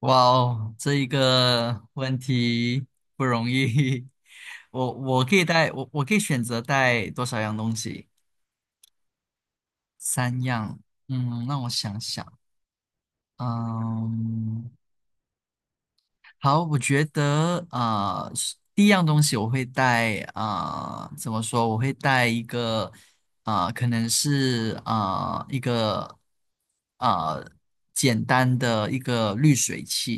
哇哦，这一个问题不容易。我可以带我可以选择带多少样东西？三样。嗯，让我想想。嗯，好，我觉得第一样东西我会带，怎么说？我会带一个，可能是一个啊呃简单的一个滤水器，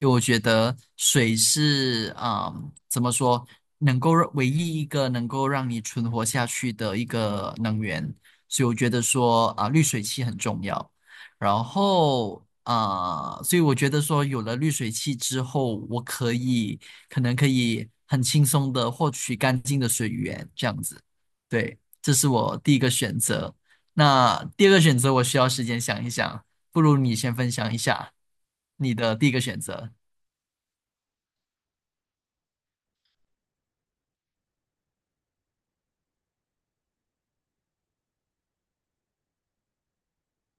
因为我觉得水是，怎么说，能够让唯一一个能够让你存活下去的一个能源，所以我觉得说滤水器很重要。然后，所以我觉得说，有了滤水器之后，我可以可能可以很轻松的获取干净的水源，这样子。对，这是我第一个选择。那第二个选择，我需要时间想一想，不如你先分享一下你的第一个选择。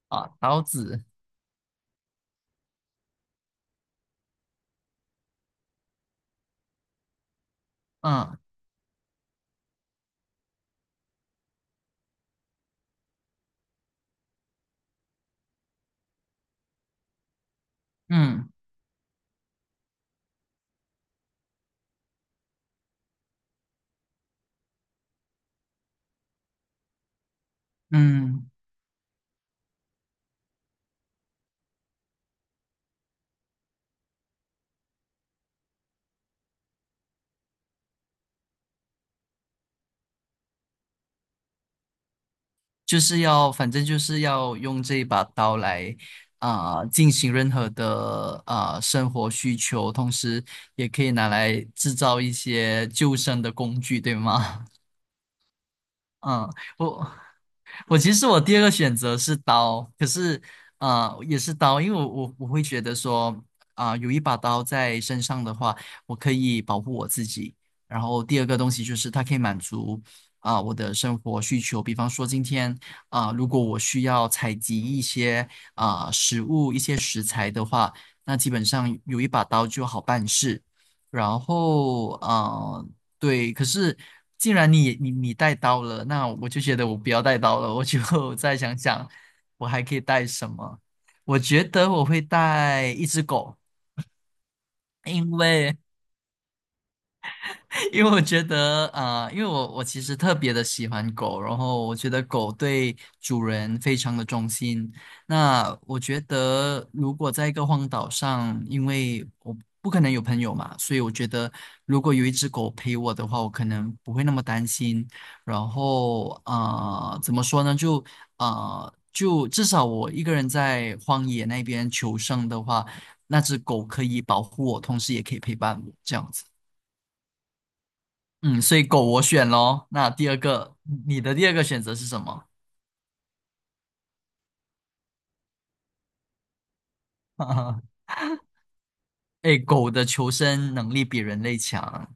啊，刀子。嗯嗯嗯，就是要，反正就是要用这一把刀来进行任何的生活需求，同时也可以拿来制造一些救生的工具，对吗？嗯，我我其实我第二个选择是刀，可是也是刀，因为我会觉得说有一把刀在身上的话，我可以保护我自己。然后第二个东西就是它可以满足我的生活需求，比方说今天如果我需要采集一些食物、一些食材的话，那基本上有一把刀就好办事。然后。对，可是既然你带刀了，那我就觉得我不要带刀了，我就 再想想，我还可以带什么？我觉得我会带一只狗，因为因为我觉得，因为我其实特别的喜欢狗，然后我觉得狗对主人非常的忠心。那我觉得，如果在一个荒岛上，因为我不可能有朋友嘛，所以我觉得如果有一只狗陪我的话，我可能不会那么担心。然后，怎么说呢？就至少我一个人在荒野那边求生的话，那只狗可以保护我，同时也可以陪伴我，这样子。嗯，所以狗我选咯。那第二个，你的第二个选择是什么？哎，狗的求生能力比人类强。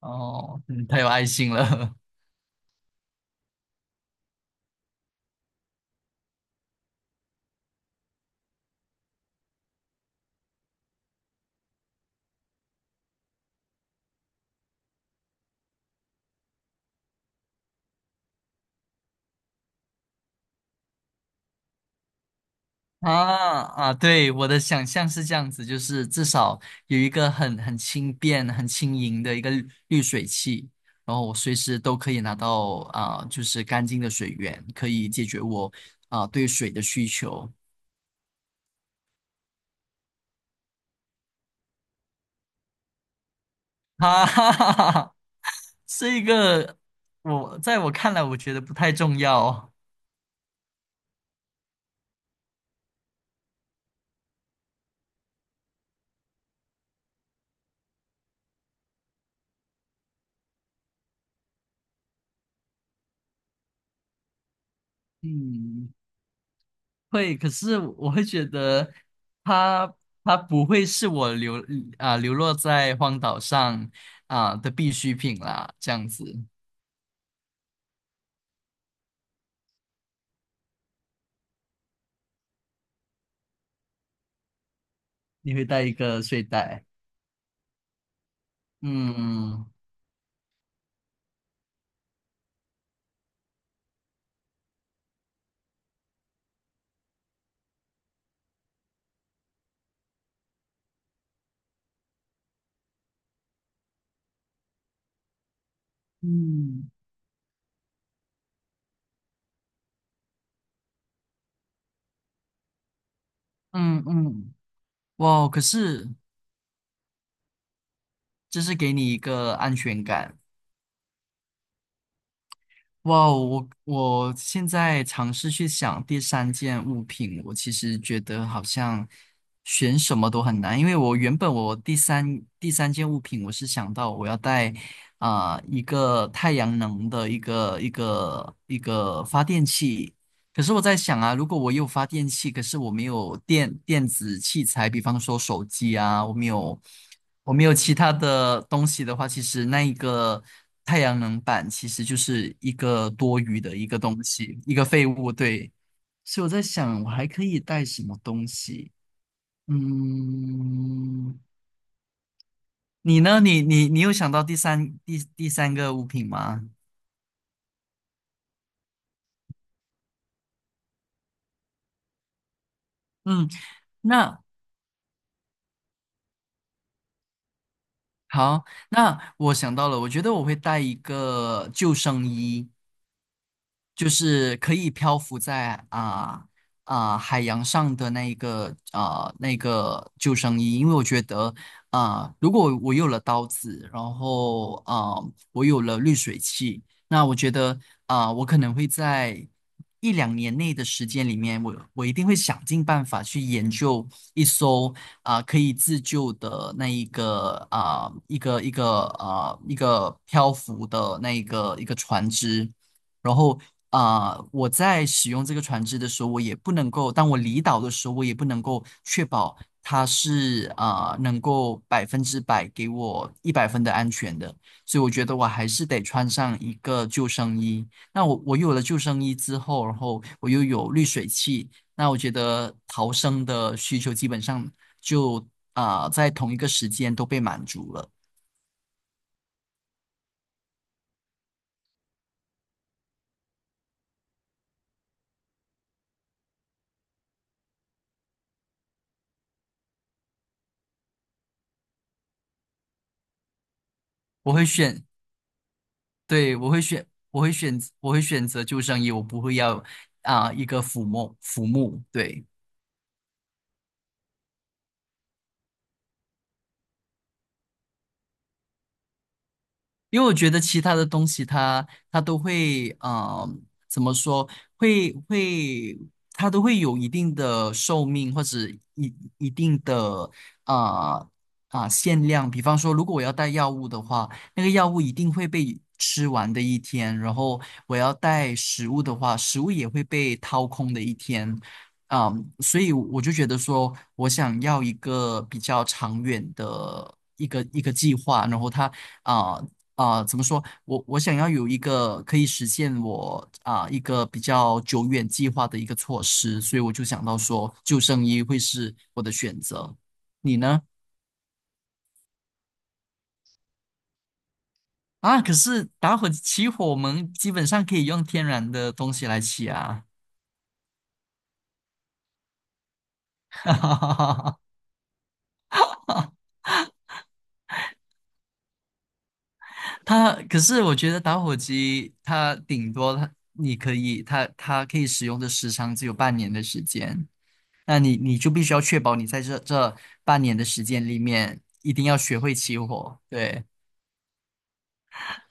哦，嗯，太有爱心了。 啊啊！对，我的想象是这样子，就是至少有一个很轻便、很轻盈的一个滤水器，然后我随时都可以拿到就是干净的水源，可以解决我对水的需求。哈哈哈哈哈，这个，我在我看来，我觉得不太重要。嗯，会，可是我会觉得它它不会是我流落在荒岛上的必需品啦。这样子，你会带一个睡袋。嗯嗯嗯嗯，哇！可是这是给你一个安全感。哇哦，我现在尝试去想第三件物品，我其实觉得好像选什么都很难，因为我原本，我第三件物品，我是想到我要带一个太阳能的一个发电器，可是我在想啊，如果我有发电器，可是我没有电子器材，比方说手机啊，我没有其他的东西的话，其实那一个太阳能板其实就是一个多余的一个东西，一个废物。对，所以我在想，我还可以带什么东西？嗯，你呢？你有想到第三个物品吗？嗯，那好，那我想到了，我觉得我会带一个救生衣，就是可以漂浮在海洋上的那一个那个救生衣，因为我觉得如果我有了刀子，然后我有了滤水器，那我觉得我可能会在一两年内的时间里面，我一定会想尽办法去研究一艘可以自救的那一个一个一个漂浮的那一个船只。然后我在使用这个船只的时候，我也不能够，当我离岛的时候，我也不能够确保它是，能够100%给我100分的安全的，所以我觉得我还是得穿上一个救生衣。那我有了救生衣之后，然后我又有滤水器，那我觉得逃生的需求基本上就在同一个时间都被满足了。我会选，对，我会选择救生衣，我不会要一个抚摸抚摸。对，因为我觉得其他的东西它，都会，呃，怎么说，会会，它都会有一定的寿命或者一定的啊限量。比方说，如果我要带药物的话，那个药物一定会被吃完的一天；然后我要带食物的话，食物也会被掏空的一天。嗯，所以我就觉得说，我想要一个比较长远的一个计划，然后它啊、呃怎么说？我想要有一个可以实现我一个比较久远计划的一个措施，所以我就想到说救生衣会是我的选择。你呢？啊，可是打火起火，我们基本上可以用天然的东西来起啊。它，可是我觉得打火机它顶多它可以使用的时长只有半年的时间。那你就必须要确保你在这半年的时间里面，一定要学会起火。对，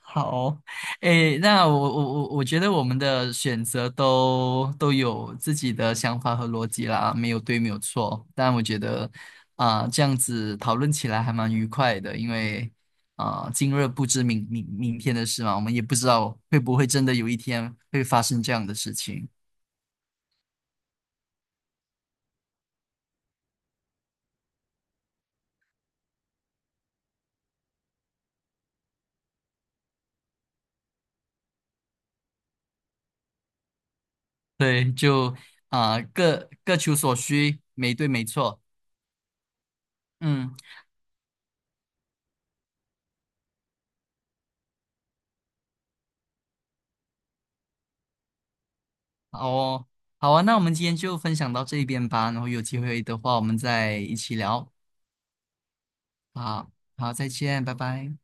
好，诶，那我觉得我们的选择都有自己的想法和逻辑啦，没有对，没有错。但我觉得这样子讨论起来还蛮愉快的，因为今日不知明天的事嘛，我们也不知道会不会真的有一天会发生这样的事情。对，就各求所需，没对没错。嗯，好哦，好啊，那我们今天就分享到这边吧，然后有机会的话，我们再一起聊。好，好，再见，拜拜。